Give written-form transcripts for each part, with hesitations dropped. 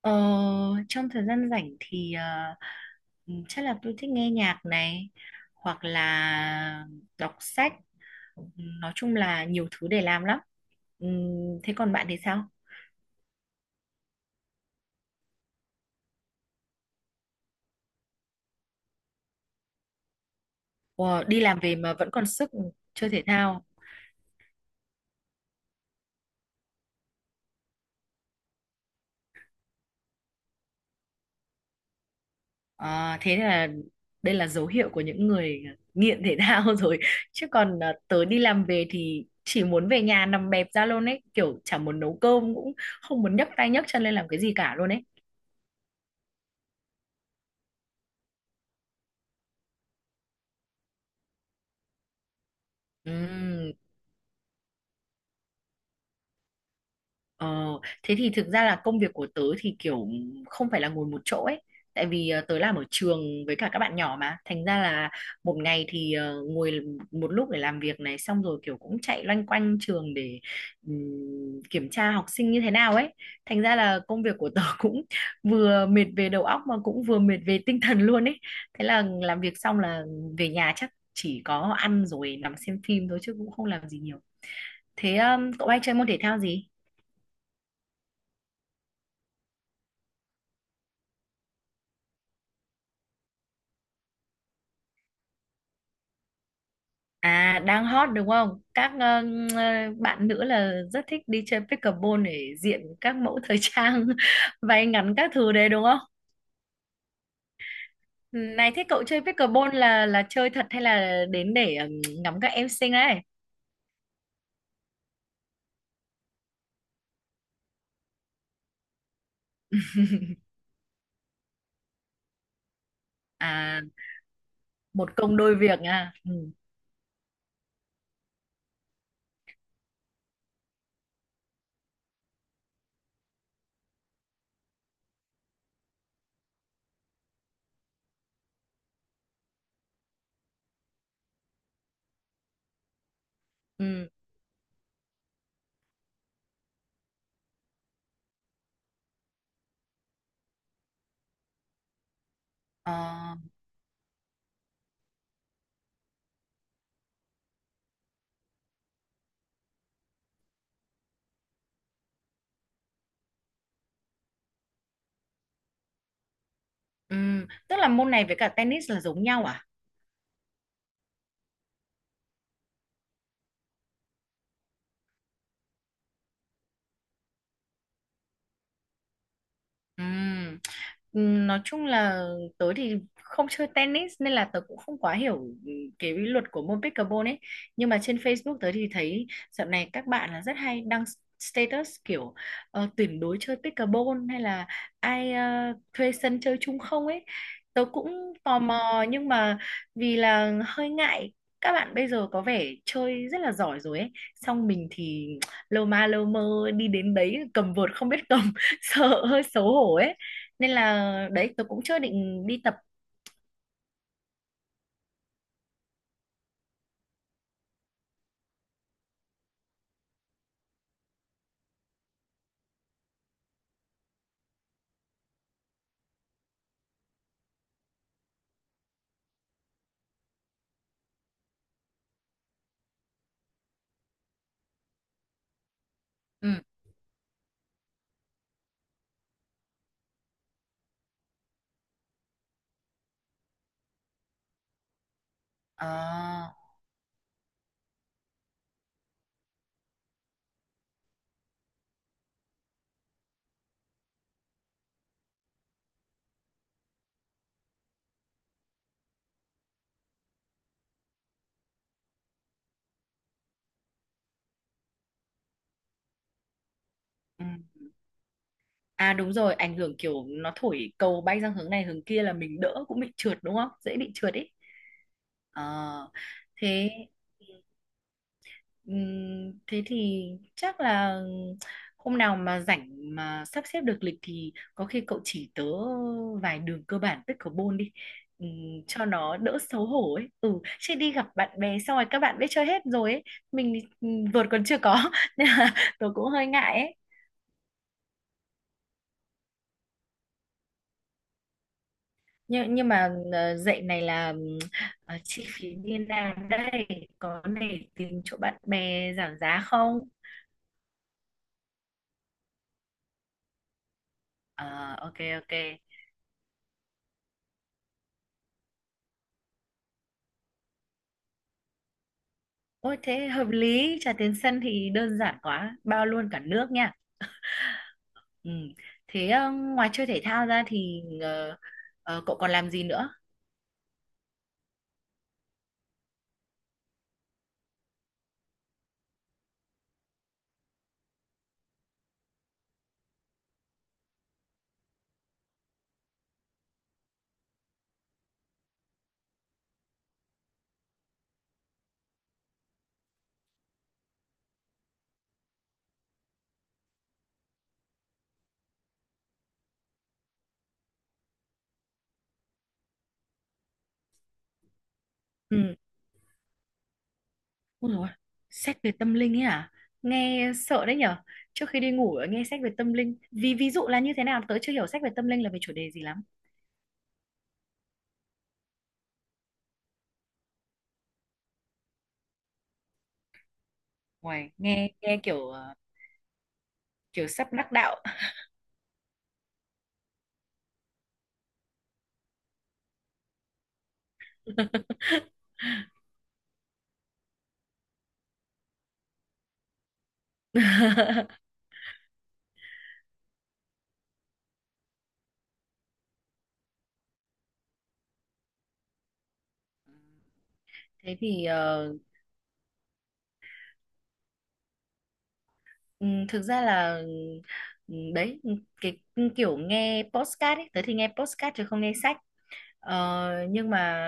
Ờ, trong thời gian rảnh thì ừ, chắc là tôi thích nghe nhạc này hoặc là đọc sách. Ừ, nói chung là nhiều thứ để làm lắm. Ừ, thế còn bạn thì sao? Ủa, đi làm về mà vẫn còn sức chơi thể thao. Ờ, thế là đây là dấu hiệu của những người nghiện thể thao rồi. Chứ còn tớ đi làm về thì chỉ muốn về nhà nằm bẹp ra luôn ấy, kiểu chả muốn nấu cơm cũng không muốn nhấc tay nhấc chân lên làm cái gì cả luôn ấy. Ừ. Ờ, thế thì thực ra là công việc của tớ thì kiểu không phải là ngồi một chỗ ấy. Tại vì tớ làm ở trường với cả các bạn nhỏ mà. Thành ra là một ngày thì ngồi một lúc để làm việc này xong rồi kiểu cũng chạy loanh quanh trường để ừm, kiểm tra học sinh như thế nào ấy. Thành ra là công việc của tớ cũng vừa mệt về đầu óc mà cũng vừa mệt về tinh thần luôn ấy. Thế là làm việc xong là về nhà chắc chỉ có ăn rồi nằm xem phim thôi chứ cũng không làm gì nhiều. Thế cậu hay chơi môn thể thao gì? À, đang hot đúng không? Các ờ, bạn nữ là rất thích đi chơi pickleball để diện các mẫu thời trang váy ngắn các thứ đấy đúng không? Ừ, này thế cậu chơi pickleball là chơi thật hay là đến để ngắm các em xinh đấy? À, một công đôi việc nha. Ừ. Ừ. Ờ, ừ. Tức là môn này với cả tennis là giống nhau à? Ừm, Nói chung là tớ thì không chơi tennis nên là tớ cũng không quá hiểu cái luật của môn pickleball ấy. Nhưng mà trên Facebook tớ thì thấy dạo này các bạn là rất hay đăng status kiểu tuyển đối chơi pickleball hay là ai thuê sân chơi chung không ấy. Tớ cũng tò mò nhưng mà vì là hơi ngại các bạn bây giờ có vẻ chơi rất là giỏi rồi ấy. Xong mình thì lâu ma lâu mơ đi đến đấy cầm vợt không biết cầm. Sợ hơi xấu hổ ấy nên là đấy tôi cũng chưa định đi tập ừ. À, ừ. À, đúng rồi, ảnh hưởng kiểu nó thổi cầu bay sang hướng này hướng kia là mình đỡ cũng bị trượt đúng không, dễ bị trượt ấy. Ờ, thế thế thì chắc là hôm nào mà rảnh mà sắp xếp được lịch thì có khi cậu chỉ tớ vài đường cơ bản pickleball đi. Cho nó đỡ xấu hổ ấy chứ đi gặp bạn bè xong rồi các bạn biết chơi hết rồi ấy. Mình thì vợt còn chưa có nên là tớ cũng hơi ngại ấy. Nhưng mà dạy này là chi phí như nào đây, có để tìm chỗ bạn bè giảm giá không? Ờ ok, ok. Ôi, thế hợp lý, trà tiến sân thì đơn giản quá, bao luôn cả nước nha. Ừ. Thế ngoài chơi thể thao ra thì cậu còn làm gì nữa? Ừ. Ôi dồi, ôi, sách về tâm linh ấy à? Nghe sợ đấy nhở. Trước khi đi ngủ nghe sách về tâm linh. Vì ví dụ là như thế nào? Tớ chưa hiểu sách về tâm linh là về chủ đề gì lắm. Ngoài nghe nghe kiểu kiểu sắp đắc đạo. Thế thì ờ, Ừ, thực ra là đấy cái kiểu nghe podcast ấy tớ thì nghe podcast chứ không nghe sách. Nhưng mà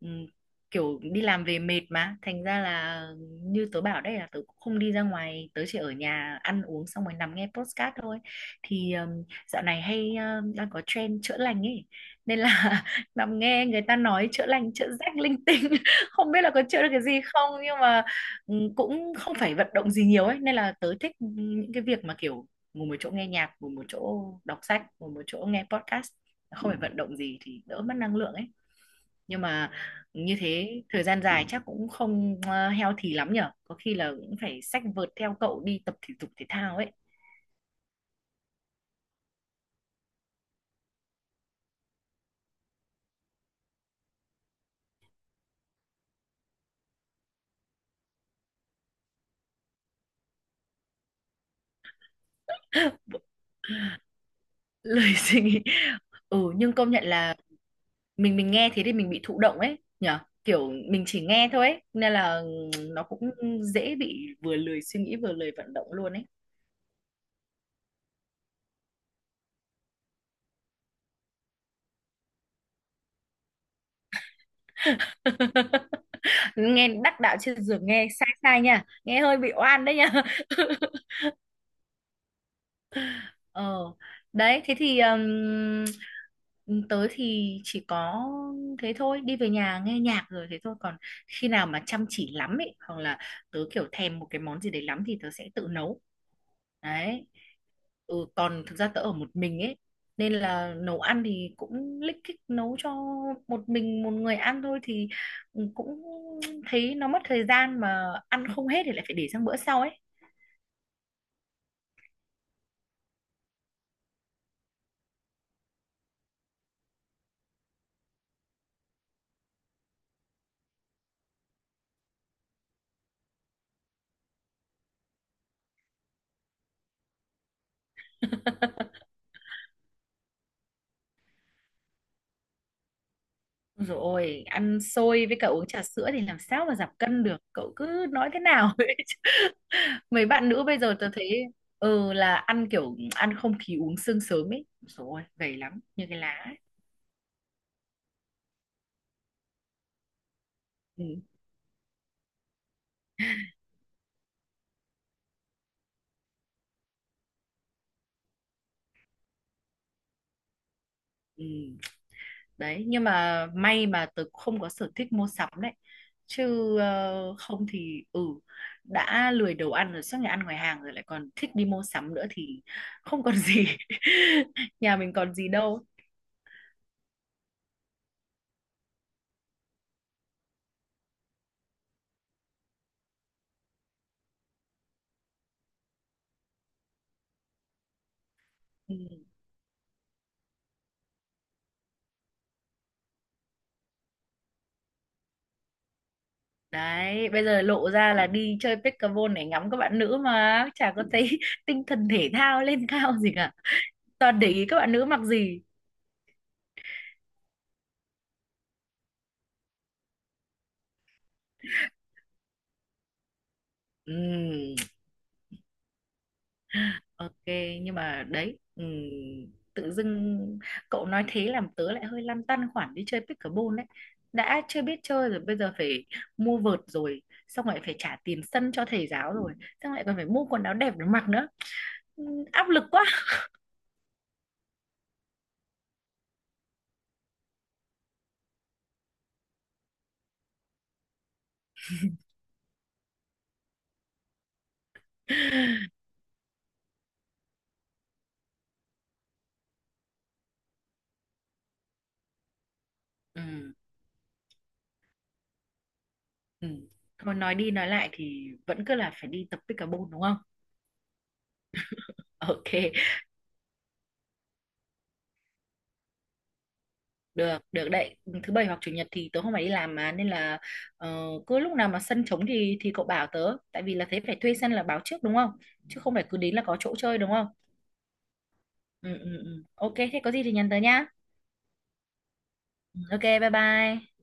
ừm, kiểu đi làm về mệt mà thành ra là như tớ bảo, đây là tớ cũng không đi ra ngoài, tớ chỉ ở nhà ăn uống xong rồi nằm nghe podcast thôi thì dạo này hay đang có trend chữa lành ấy nên là nằm nghe người ta nói chữa lành chữa rách linh tinh. Không biết là có chữa được cái gì không nhưng mà cũng không phải vận động gì nhiều ấy nên là tớ thích những cái việc mà kiểu ngồi một chỗ nghe nhạc, ngồi một chỗ đọc sách, ngồi một chỗ nghe podcast, không phải vận động gì thì đỡ mất năng lượng ấy. Nhưng mà như thế thời gian dài chắc cũng không healthy lắm nhở, có khi là cũng phải xách vợt theo cậu đi tập thể dục thể thao ấy. Lời suy nghĩ. Nhưng công nhận là mình nghe thế thì mình bị thụ động ấy nhở, kiểu mình chỉ nghe thôi ấy, nên là nó cũng dễ bị vừa lười suy nghĩ vừa lười vận động luôn ấy. Nghe đắc đạo trên giường nghe sai sai nha, nghe hơi bị oan đấy nha. Ờ, Đấy, thế thì tớ thì chỉ có thế thôi, đi về nhà nghe nhạc rồi thế thôi. Còn khi nào mà chăm chỉ lắm ấy, hoặc là tớ kiểu thèm một cái món gì đấy lắm thì tớ sẽ tự nấu. Đấy. Ừ, còn thực ra tớ ở một mình ấy, nên là nấu ăn thì cũng lích kích nấu cho một mình một người ăn thôi thì cũng thấy nó mất thời gian mà ăn không hết thì lại phải để sang bữa sau ấy. Rồi ăn xôi với cả uống trà sữa thì làm sao mà giảm cân được, cậu cứ nói thế nào ấy. Mấy bạn nữ bây giờ tớ thấy là ăn kiểu ăn không khí uống sương sớm ấy rồi gầy lắm như cái lá ấy. Ừ, ừ. Đấy nhưng mà may mà tớ không có sở thích mua sắm đấy, chứ không thì đã lười đầu ăn rồi suốt ngày ăn ngoài hàng rồi lại còn thích đi mua sắm nữa thì không còn gì nhà mình còn gì đâu. Ừ. Đấy, bây giờ lộ ra là đi chơi pickleball để ngắm các bạn nữ mà chả có thấy tinh thần thể thao lên cao gì cả. Toàn để ý các bạn nữ mặc gì. Ừm, ok, nhưng mà đấy, tự dưng cậu nói thế làm tớ lại hơi lăn tăn khoản đi chơi pickleball đấy. Đã chưa biết chơi rồi, bây giờ phải mua vợt rồi, xong lại phải trả tiền sân cho thầy giáo rồi, xong lại còn phải mua quần áo đẹp để mặc nữa. Áp lực quá. Ừm. Ừ. Thôi nói đi nói lại thì vẫn cứ là phải đi tập pickleball đúng không? Ok, được, được đấy. Thứ bảy hoặc chủ nhật thì tớ không phải đi làm mà nên là ờ, cứ lúc nào mà sân trống thì cậu bảo tớ, tại vì là thế phải thuê sân là báo trước đúng không? Chứ không phải cứ đến là có chỗ chơi đúng không? Ừ, ừ, ừ. Ok, thế có gì thì nhắn tớ nhá. Ừ, ok, bye bye.